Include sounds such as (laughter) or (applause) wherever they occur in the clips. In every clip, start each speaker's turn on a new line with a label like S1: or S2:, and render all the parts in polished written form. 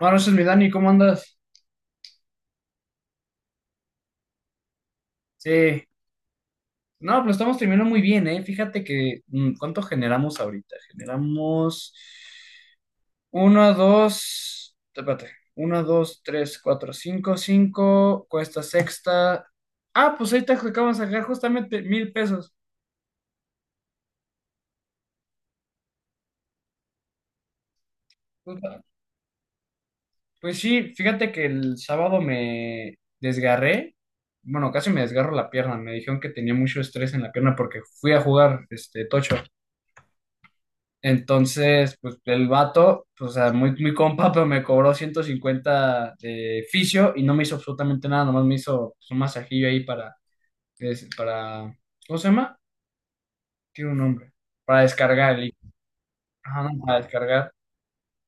S1: Buenas noches, mi Dani, ¿cómo andas? Sí. No, pero estamos terminando muy bien, ¿eh? Fíjate que, ¿cuánto generamos ahorita? Generamos uno 2 espérate, 1, 2 3 4 5 5 cuesta sexta. Ah, pues ahorita acabamos de sacar justamente $1,000. Pues pues sí, fíjate que el sábado me desgarré, bueno, casi me desgarro la pierna, me dijeron que tenía mucho estrés en la pierna porque fui a jugar, tocho. Entonces, pues el vato, pues, o sea, muy, muy compa, pero me cobró 150 de fisio y no me hizo absolutamente nada, nomás me hizo pues un masajillo ahí para, para, ¿cómo se llama? Tiene un nombre, para descargar el ajá, no, para descargar.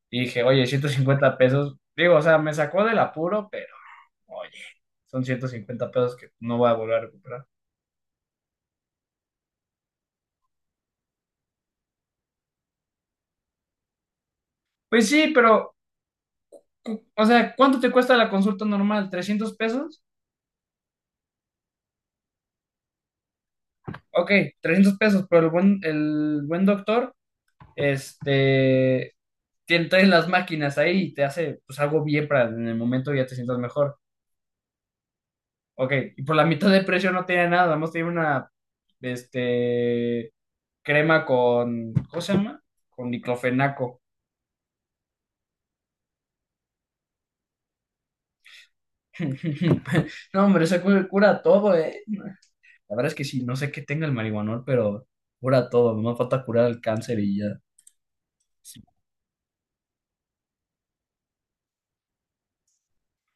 S1: Y dije, oye, $150, digo, o sea, me sacó del apuro, pero, oye, son $150 que no voy a volver a recuperar. Pues sí, pero, o sea, ¿cuánto te cuesta la consulta normal? ¿$300? Ok, $300, pero el buen doctor. Este, Traes las máquinas ahí y te hace pues algo bien para en el momento ya te sientas mejor. Ok, y por la mitad de precio no tiene nada, más tiene una, este, crema con, ¿cómo se llama? Con diclofenaco. (laughs) No, hombre, eso cura todo, ¿eh? La verdad es que sí, no sé qué tenga el marihuanol, pero cura todo, nomás falta curar el cáncer y ya.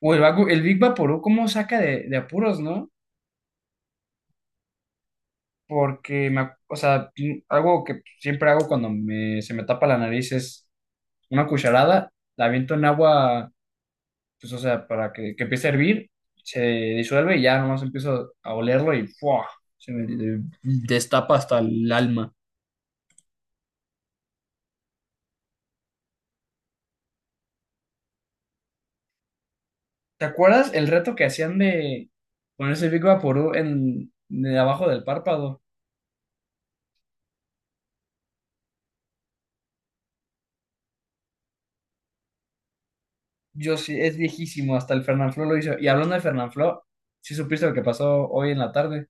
S1: O el, el Big Vaporú, ¿cómo saca de apuros, no? Porque me, o sea, algo que siempre hago cuando me, se me tapa la nariz es una cucharada, la aviento en agua, pues o sea, para que empiece a hervir, se disuelve y ya nomás empiezo a olerlo y ¡fua! Se me destapa hasta el alma. ¿Te acuerdas el reto que hacían de ponerse Big Vaporú en, de abajo del párpado? Yo sí, es viejísimo, hasta el Fernanfloo lo hizo. Y hablando de Fernanfloo, ¿sí supiste lo que pasó hoy en la tarde?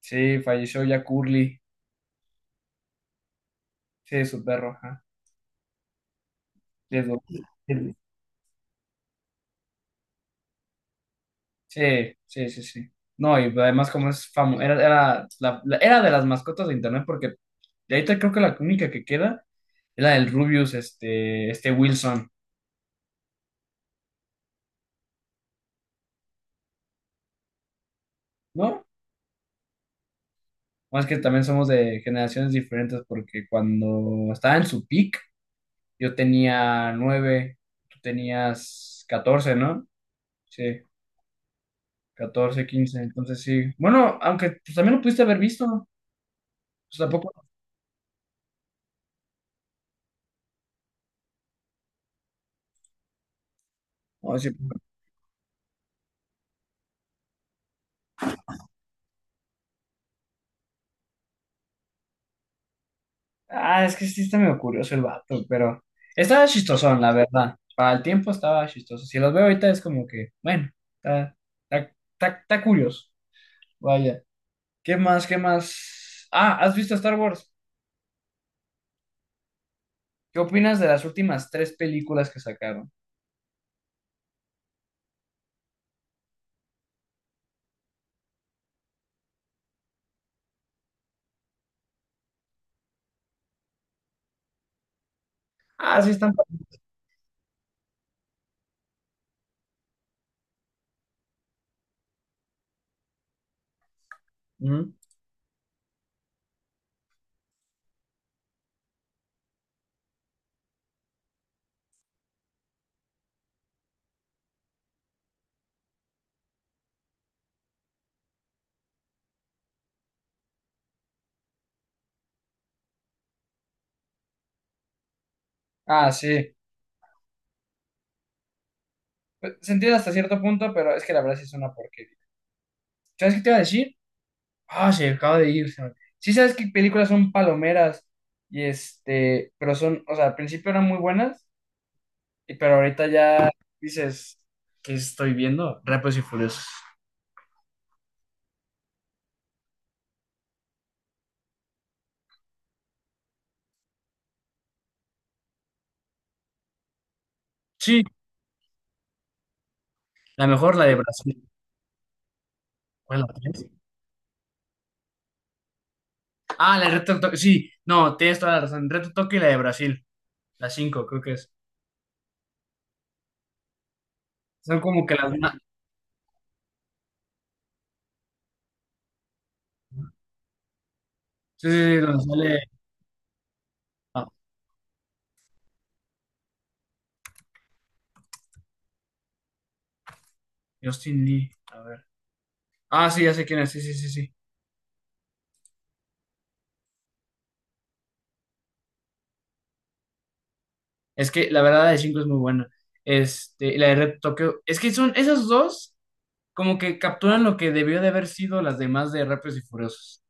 S1: Sí, falleció ya Curly. Sí, su perro, ajá. Les gu- Sí, sí, sí, sí. No, y además como es famoso, era, era, era de las mascotas de internet porque de ahorita creo que la única que queda es la del Rubius, este Wilson, ¿no? Más que también somos de generaciones diferentes porque cuando estaba en su peak yo tenía 9, tú tenías 14, ¿no? Sí, 14, 15, entonces sí. Bueno, aunque pues, también lo pudiste haber visto, pues tampoco. No, sí. Ah, es que sí está medio curioso el vato, pero estaba chistosón, la verdad. Para el tiempo estaba chistoso. Si los veo ahorita es como que, bueno, está, está, está, está curioso. Vaya. ¿Qué más? ¿Qué más? Ah, ¿has visto Star Wars? ¿Qué opinas de las últimas tres películas que sacaron? Ah, sí, están. Ujú. Ah, sí. Pues se entiende hasta cierto punto, pero es que la verdad sí es una porquería. ¿Sabes qué te iba a decir? Ah, se acaba de ir. Sí, sabes que películas son palomeras pero son, o sea, al principio eran muy buenas. Y pero ahorita ya dices, ¿qué estoy viendo? Rápidos y Furiosos. Sí, la mejor la de Brasil. ¿Cuál es la tres? Ah, la de Reto Tokio. Sí, no, tienes toda la razón. Reto Tokio y la de Brasil. La cinco, creo que es. Son como que las más. Sí, sí, sí, donde sale ah, Justin Lee. A ver. Ah, sí, ya sé quién es. Sí, sí, sí, sí. Es que la verdad la de cinco es muy buena. Y la de Reto Tokio. Es que son esas dos como que capturan lo que debió de haber sido las demás de Rápidos y Furiosos.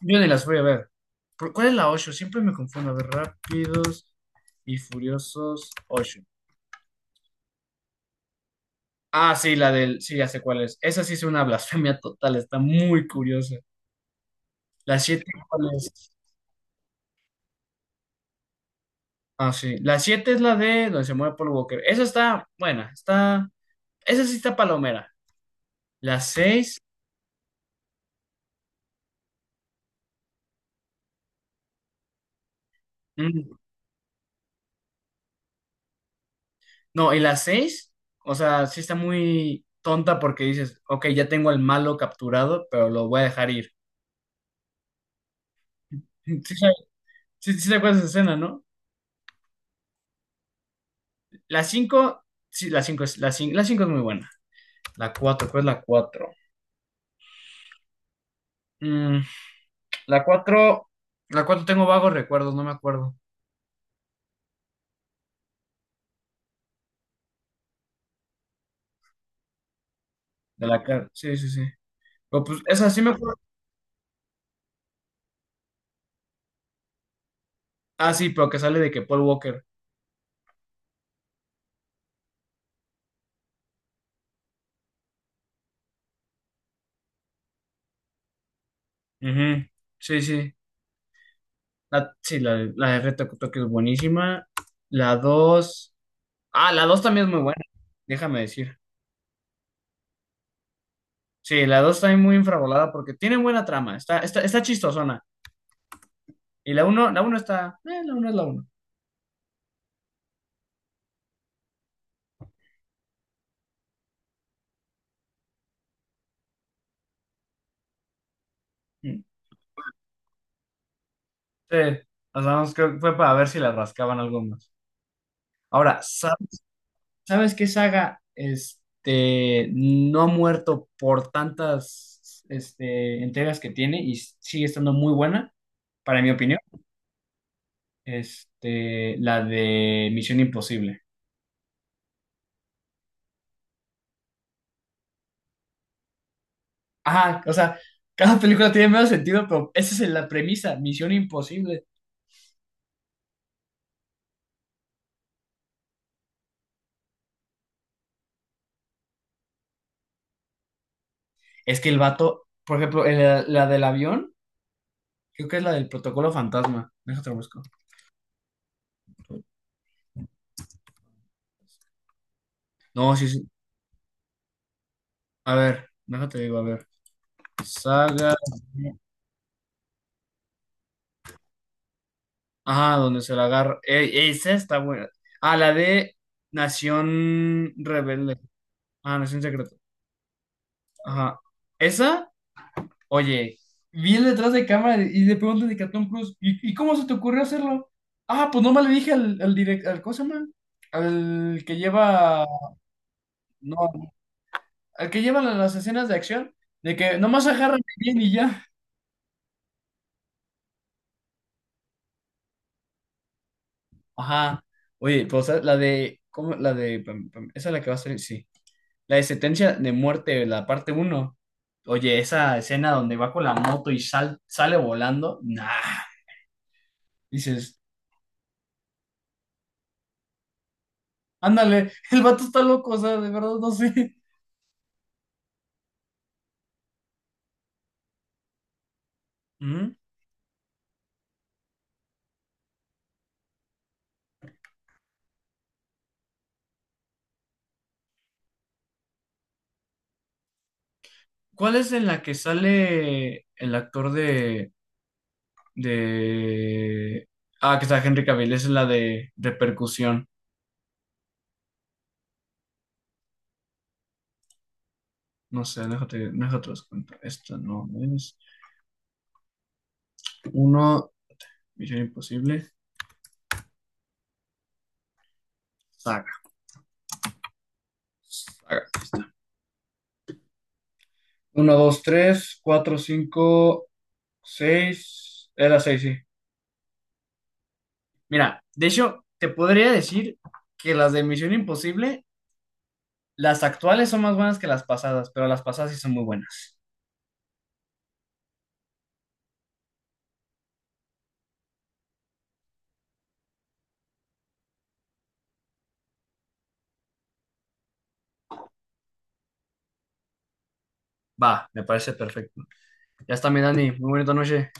S1: Yo ni las voy a ver. ¿Cuál es la 8? Siempre me confundo. A ver, Rápidos y Furiosos 8. Ah, sí, la del... Sí, ya sé cuál es. Esa sí es una blasfemia total. Está muy curiosa. La siete, ¿cuál es? Ah, sí. La 7 es la de donde se muere Paul Walker. Esa está buena. Está... Esa sí está palomera. La 6. mm, No, y la 6. O sea, sí está muy tonta porque dices, ok, ya tengo al malo capturado, pero lo voy a dejar ir. (laughs) Sí, sí, sí, sí te acuerdas de esa escena, ¿no? La 5 sí, la 5 es, la 5, la 5 es muy buena. La cuatro, ¿cuál es la 4? la 4 la 4 tengo vagos recuerdos, no me acuerdo. De la cara, sí, sí, sí. Pero pues esa sí me acuerdo. Ah, sí, pero que sale de que Paul Walker. Ujú, sí, sí. La, sí, la de Reto Tokio es buenísima. La 2 ah, la 2 también es muy buena, déjame decir. Sí, la 2 también muy infravolada porque tiene buena trama, está, está, está chistosona. Y la uno está, la uno es la uno. Mm. Sí, o sea, vamos, creo que fue para ver si le rascaban algo más. Ahora, ¿sabes qué saga no ha muerto por tantas entregas que tiene y sigue estando muy buena, para mi opinión? La de Misión Imposible. Ajá, o sea, cada película tiene menos sentido, pero esa es la premisa, Misión Imposible. Es que el vato, por ejemplo, la del avión, creo que es la del protocolo fantasma. Déjate lo busco. No, sí, sí. A ver, déjate digo, a ver. Saga. Ah, donde se la agarra. Esa está buena. Ah, la de Nación Rebelde. Ah, Nación Secreta. Ajá. Esa, oye, vi el detrás de cámara y le preguntan de Catón Cruz, y cómo se te ocurrió hacerlo? Ah, pues nomás le dije al, al director, al, ¿cómo se llama? Al que lleva, no, al que lleva las escenas de acción, de que nomás agárrame bien y ya. Ajá. Oye, pues ¿sabes? La de, ¿cómo? La de, pam, pam, esa es la que va a salir, sí. La de sentencia de muerte, la parte uno. Oye, esa escena donde va con la moto y sale volando, nah. Dices, ándale, (laughs) el vato está loco, o sea, de verdad no sé. ¿Mm? ¿Cuál es en la que sale el actor de... Ah, que está Henry Cavill, esa es la de repercusión. No sé, déjate, déjate los cuento. Esta no es. Uno, Misión Imposible. Haga. 1, 2, 3, 4, 5, 6. Era 6 sí. Mira, de hecho, te podría decir que las de Misión Imposible, las actuales son más buenas que las pasadas, pero las pasadas sí son muy buenas. Va, me parece perfecto. Ya está, mi Dani. Muy bonita noche.